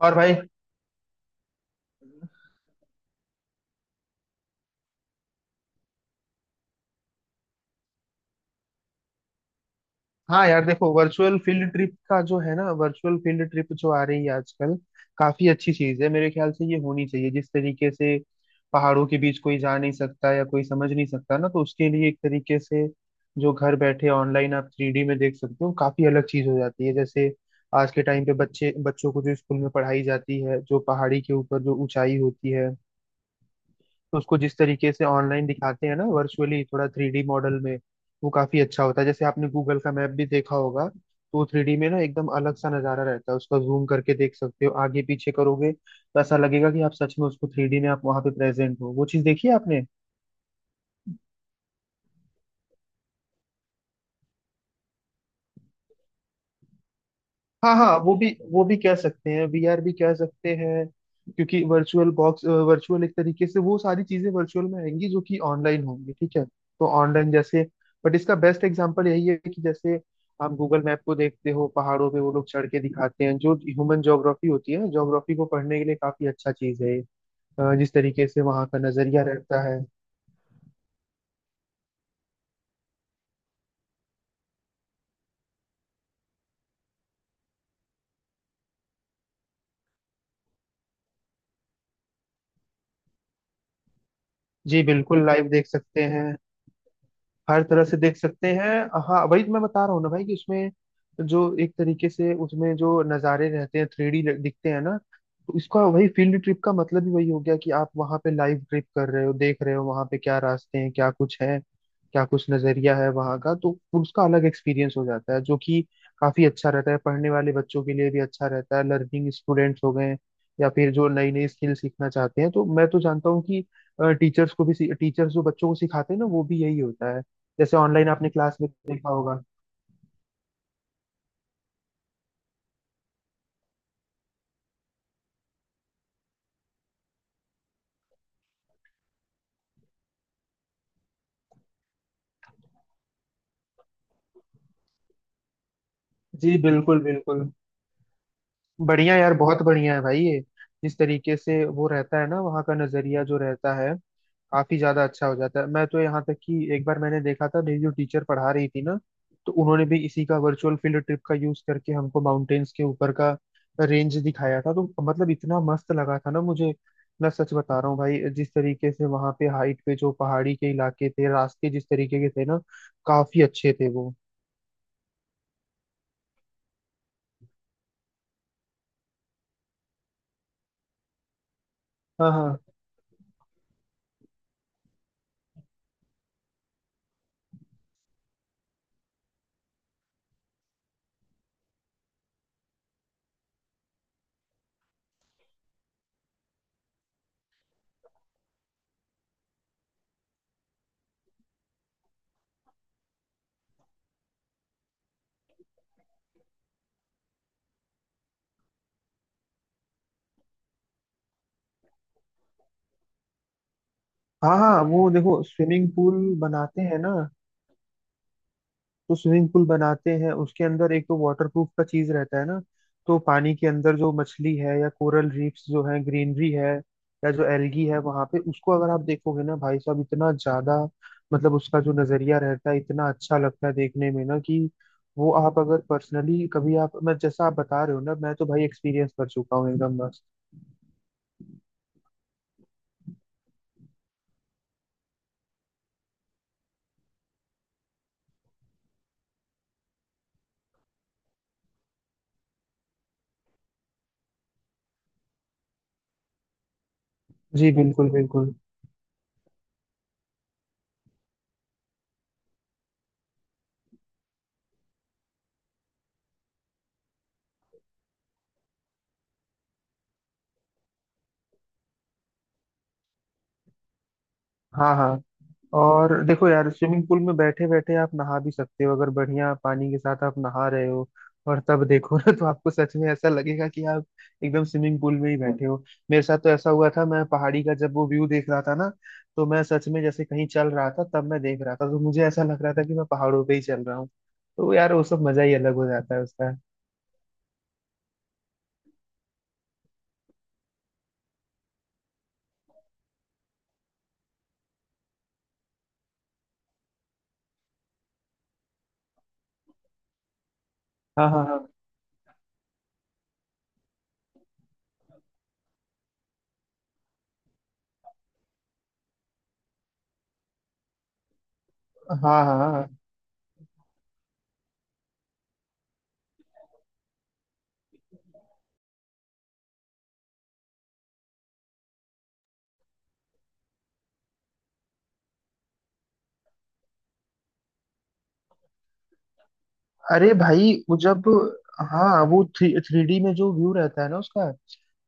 और भाई, हाँ यार देखो, वर्चुअल फील्ड ट्रिप का जो है ना, वर्चुअल फील्ड ट्रिप जो आ रही है आजकल, काफी अच्छी चीज है। मेरे ख्याल से ये होनी चाहिए। जिस तरीके से पहाड़ों के बीच कोई जा नहीं सकता या कोई समझ नहीं सकता ना, तो उसके लिए एक तरीके से जो घर बैठे ऑनलाइन आप थ्री डी में देख सकते हो, काफी अलग चीज हो जाती है। जैसे आज के टाइम पे बच्चे, बच्चों को जो स्कूल में पढ़ाई जाती है, जो पहाड़ी के ऊपर जो ऊंचाई होती है, तो उसको जिस तरीके से ऑनलाइन दिखाते हैं ना, वर्चुअली थोड़ा थ्री डी मॉडल में, वो काफी अच्छा होता है। जैसे आपने गूगल का मैप भी देखा होगा तो वो थ्री डी में ना एकदम अलग सा नजारा रहता है उसका। जूम करके देख सकते हो, आगे पीछे करोगे तो ऐसा लगेगा कि आप सच में उसको थ्री डी में आप वहां पे प्रेजेंट हो। वो चीज देखी है आपने? हाँ हाँ, वो भी कह सकते हैं, वीआर भी कह सकते हैं। क्योंकि वर्चुअल बॉक्स, वर्चुअल एक तरीके से, वो सारी चीजें वर्चुअल में आएंगी जो कि ऑनलाइन होंगी। ठीक है, तो ऑनलाइन जैसे, बट इसका बेस्ट एग्जांपल यही है कि जैसे आप गूगल मैप को देखते हो, पहाड़ों पे वो लोग चढ़ के दिखाते हैं। जो ह्यूमन ज्योग्राफी होती है, ज्योग्राफी को पढ़ने के लिए काफी अच्छा चीज है ये। जिस तरीके से वहाँ का नजरिया रहता है। जी बिल्कुल, लाइव देख सकते हैं, हर तरह से देख सकते हैं। हाँ, वही तो मैं बता रहा हूँ ना भाई, कि उसमें जो एक तरीके से उसमें जो नज़ारे रहते हैं, थ्री डी दिखते हैं ना, तो इसका वही फील्ड ट्रिप का मतलब ही वही हो गया कि आप वहाँ पे लाइव ट्रिप कर रहे हो, देख रहे हो वहाँ पे क्या रास्ते हैं, क्या कुछ है, क्या कुछ नज़रिया है वहाँ का। तो उसका अलग एक्सपीरियंस हो जाता है, जो कि काफ़ी अच्छा रहता है। पढ़ने वाले बच्चों के लिए भी अच्छा रहता है, लर्निंग स्टूडेंट्स हो गए या फिर जो नई नई स्किल सीखना चाहते हैं। तो मैं तो जानता हूँ कि टीचर्स जो बच्चों को सिखाते हैं ना, वो भी यही होता है। जैसे ऑनलाइन आपने क्लास में देखा होगा। जी बिल्कुल, बिल्कुल। बढ़िया यार, बहुत बढ़िया है भाई ये। जिस तरीके से वो रहता है ना, वहाँ का नजरिया जो रहता है, काफी ज्यादा अच्छा हो जाता है। मैं तो यहाँ तक कि एक बार मैंने देखा था, मेरी जो टीचर पढ़ा रही थी ना, तो उन्होंने भी इसी का, वर्चुअल फील्ड ट्रिप का यूज करके हमको माउंटेन्स के ऊपर का रेंज दिखाया था। तो मतलब इतना मस्त लगा था ना मुझे। मैं सच बता रहा हूँ भाई, जिस तरीके से वहाँ पे हाइट पे जो पहाड़ी के इलाके थे, रास्ते जिस तरीके के थे ना, काफी अच्छे थे वो। हाँ हाँ, हाँ हाँ। वो देखो, स्विमिंग पूल बनाते हैं ना, तो स्विमिंग पूल बनाते हैं उसके अंदर एक तो वाटर प्रूफ का चीज रहता है ना। तो पानी के अंदर जो मछली है, या कोरल रीफ्स जो है, ग्रीनरी है, या जो एल्गी है वहां पे, उसको अगर आप देखोगे ना भाई साहब, इतना ज्यादा, मतलब उसका जो नजरिया रहता है इतना अच्छा लगता है देखने में ना, कि वो आप अगर पर्सनली कभी आप, मैं जैसा आप बता रहे हो ना, मैं तो भाई एक्सपीरियंस कर चुका हूँ, एकदम मस्त। जी बिल्कुल, बिल्कुल। हाँ हाँ। और देखो यार, स्विमिंग पूल में बैठे बैठे आप नहा भी सकते हो, अगर बढ़िया पानी के साथ आप नहा रहे हो, और तब देखो ना, तो आपको सच में ऐसा लगेगा कि आप एकदम स्विमिंग पूल में ही बैठे हो। मेरे साथ तो ऐसा हुआ था, मैं पहाड़ी का जब वो व्यू देख रहा था ना, तो मैं सच में जैसे कहीं चल रहा था तब मैं देख रहा था, तो मुझे ऐसा लग रहा था कि मैं पहाड़ों पे ही चल रहा हूँ। तो यार, वो सब मजा ही अलग हो जाता है उसका। हाँ हाँ, हाँ हाँ, हाँ हाँ। अरे भाई, वो जब, हाँ, वो थ्री थ्री डी में जो व्यू रहता है ना उसका,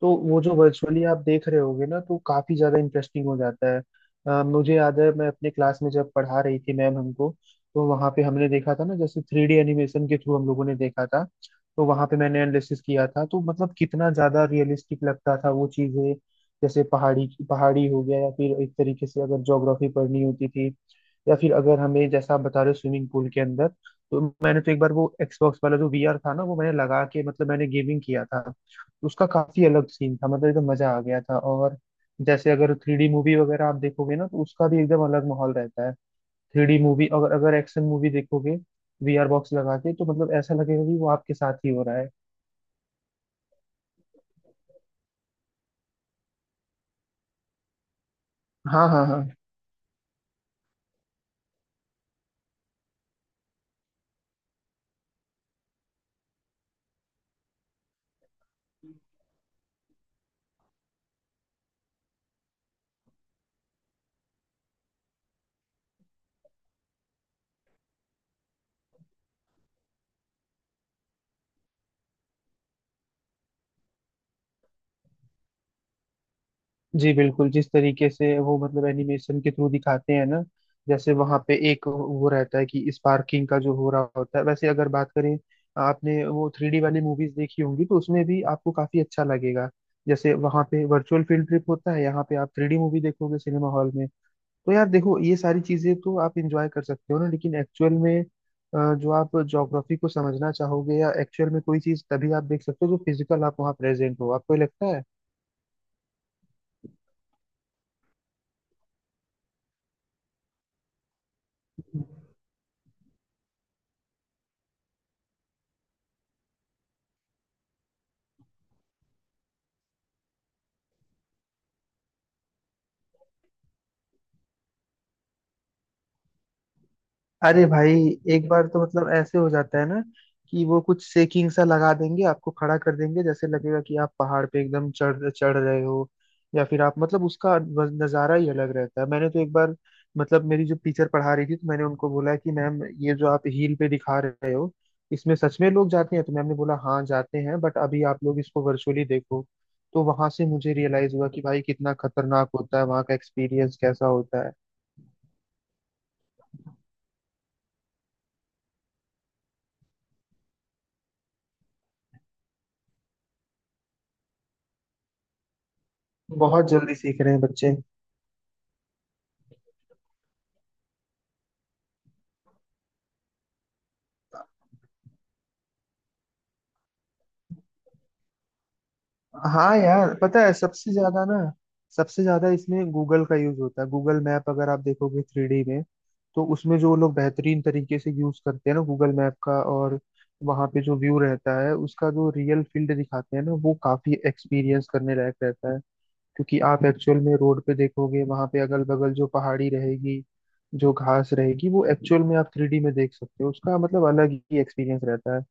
तो वो जो वर्चुअली आप देख रहे होगे ना, तो काफी ज्यादा इंटरेस्टिंग हो जाता है। मुझे याद है मैं अपने क्लास में जब पढ़ा रही थी मैम हमको, तो वहां पे हमने देखा था ना, जैसे थ्री डी एनिमेशन के थ्रू हम लोगों ने देखा था, तो वहां पे मैंने एनालिसिस किया था। तो मतलब कितना ज्यादा रियलिस्टिक लगता था वो चीजें, जैसे पहाड़ी पहाड़ी हो गया, या फिर एक तरीके से अगर ज्योग्राफी पढ़नी होती थी, या फिर अगर हमें जैसा आप बता रहे हो स्विमिंग पूल के अंदर। तो मैंने तो एक बार वो एक्सबॉक्स वाला जो वीआर था ना, वो मैंने लगा के मतलब मैंने गेमिंग किया था। उसका काफी अलग सीन था, मतलब एकदम मजा आ गया था। और जैसे अगर थ्री डी मूवी वगैरह आप देखोगे ना, तो उसका भी एकदम अलग माहौल रहता है। थ्री डी मूवी अगर अगर एक्शन मूवी देखोगे वीआर बॉक्स लगा के, तो मतलब ऐसा लगेगा कि वो आपके साथ ही हो रहा है। हाँ हाँ हाँ। जी बिल्कुल, जिस तरीके से वो मतलब एनिमेशन के थ्रू दिखाते हैं ना, जैसे वहां पे एक वो रहता है कि स्पार्किंग का जो हो रहा होता है, वैसे अगर बात करें, आपने वो थ्री डी वाली मूवीज देखी होंगी तो उसमें भी आपको काफी अच्छा लगेगा। जैसे वहां पे वर्चुअल फील्ड ट्रिप होता है, यहाँ पे आप थ्री डी मूवी देखोगे सिनेमा हॉल में। तो यार देखो, ये सारी चीजें तो आप इंजॉय कर सकते हो ना, लेकिन एक्चुअल में जो आप ज्योग्राफी को समझना चाहोगे, या एक्चुअल में कोई चीज तभी आप देख सकते हो जो फिजिकल आप वहाँ प्रेजेंट हो, आपको ये लगता है? अरे भाई, एक बार तो मतलब ऐसे हो जाता है ना, कि वो कुछ सेकिंग सा लगा देंगे आपको, खड़ा कर देंगे, जैसे लगेगा कि आप पहाड़ पे एकदम चढ़ चढ़ रहे हो, या फिर आप मतलब उसका नज़ारा ही अलग रहता है। मैंने तो एक बार, मतलब मेरी जो टीचर पढ़ा रही थी, तो मैंने उनको बोला कि मैम ये जो आप हील पे दिखा रहे हो, इसमें सच में लोग जाते हैं? तो मैम ने बोला हाँ जाते हैं, बट अभी आप लोग इसको वर्चुअली देखो। तो वहां से मुझे रियलाइज हुआ कि भाई कितना खतरनाक होता है, वहाँ का एक्सपीरियंस कैसा होता है। बहुत जल्दी सीख रहे हैं बच्चे। हाँ यार, पता है, सबसे ज्यादा इसमें गूगल का यूज होता है। गूगल मैप अगर आप देखोगे थ्री डी में, तो उसमें जो लोग बेहतरीन तरीके से यूज करते हैं ना गूगल मैप का, और वहाँ पे जो व्यू रहता है, उसका जो रियल फील्ड दिखाते हैं ना, वो काफी एक्सपीरियंस करने लायक रहता है। क्योंकि आप एक्चुअल में रोड पे देखोगे, वहाँ पे अगल बगल जो पहाड़ी रहेगी, जो घास रहेगी, वो एक्चुअल में आप थ्री डी में देख सकते हो उसका, मतलब अलग ही एक्सपीरियंस रहता है।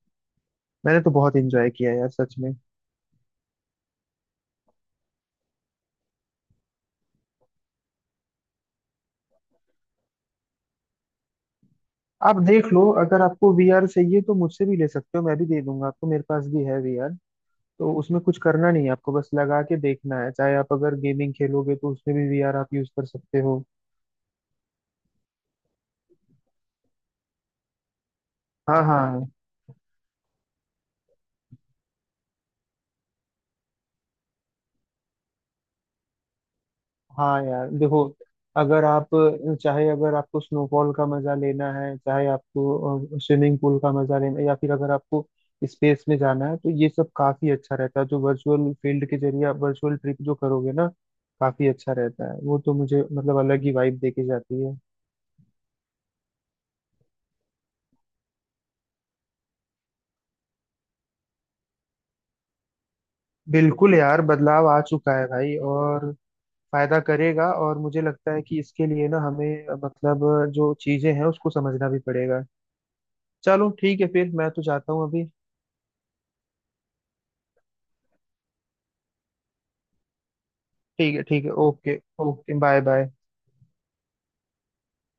मैंने तो बहुत एंजॉय किया यार सच में। आप देख लो, अगर आपको वीआर चाहिए तो मुझसे भी ले सकते हो, मैं भी दे दूंगा आपको, मेरे पास भी है वीआर। तो उसमें कुछ करना नहीं है आपको, बस लगा के देखना है। चाहे आप अगर गेमिंग खेलोगे, तो उसमें भी वीआर आप यूज कर सकते हो। हाँ हाँ। हाँ यार देखो, अगर आप, चाहे अगर आपको स्नोफॉल का मजा लेना है, चाहे आपको स्विमिंग पूल का मजा लेना है, या फिर अगर आपको स्पेस में जाना है, तो ये सब काफी अच्छा रहता है। जो वर्चुअल फील्ड के जरिए आप वर्चुअल ट्रिप जो करोगे ना, काफी अच्छा रहता है वो। तो मुझे मतलब अलग ही वाइब देके जाती है। बिल्कुल यार, बदलाव आ चुका है भाई, और फायदा करेगा। और मुझे लगता है कि इसके लिए ना हमें मतलब, जो चीजें हैं उसको समझना भी पड़ेगा। चलो ठीक है, फिर मैं तो जाता हूँ अभी। ठीक है, ठीक है, ओके। Okay, bye bye.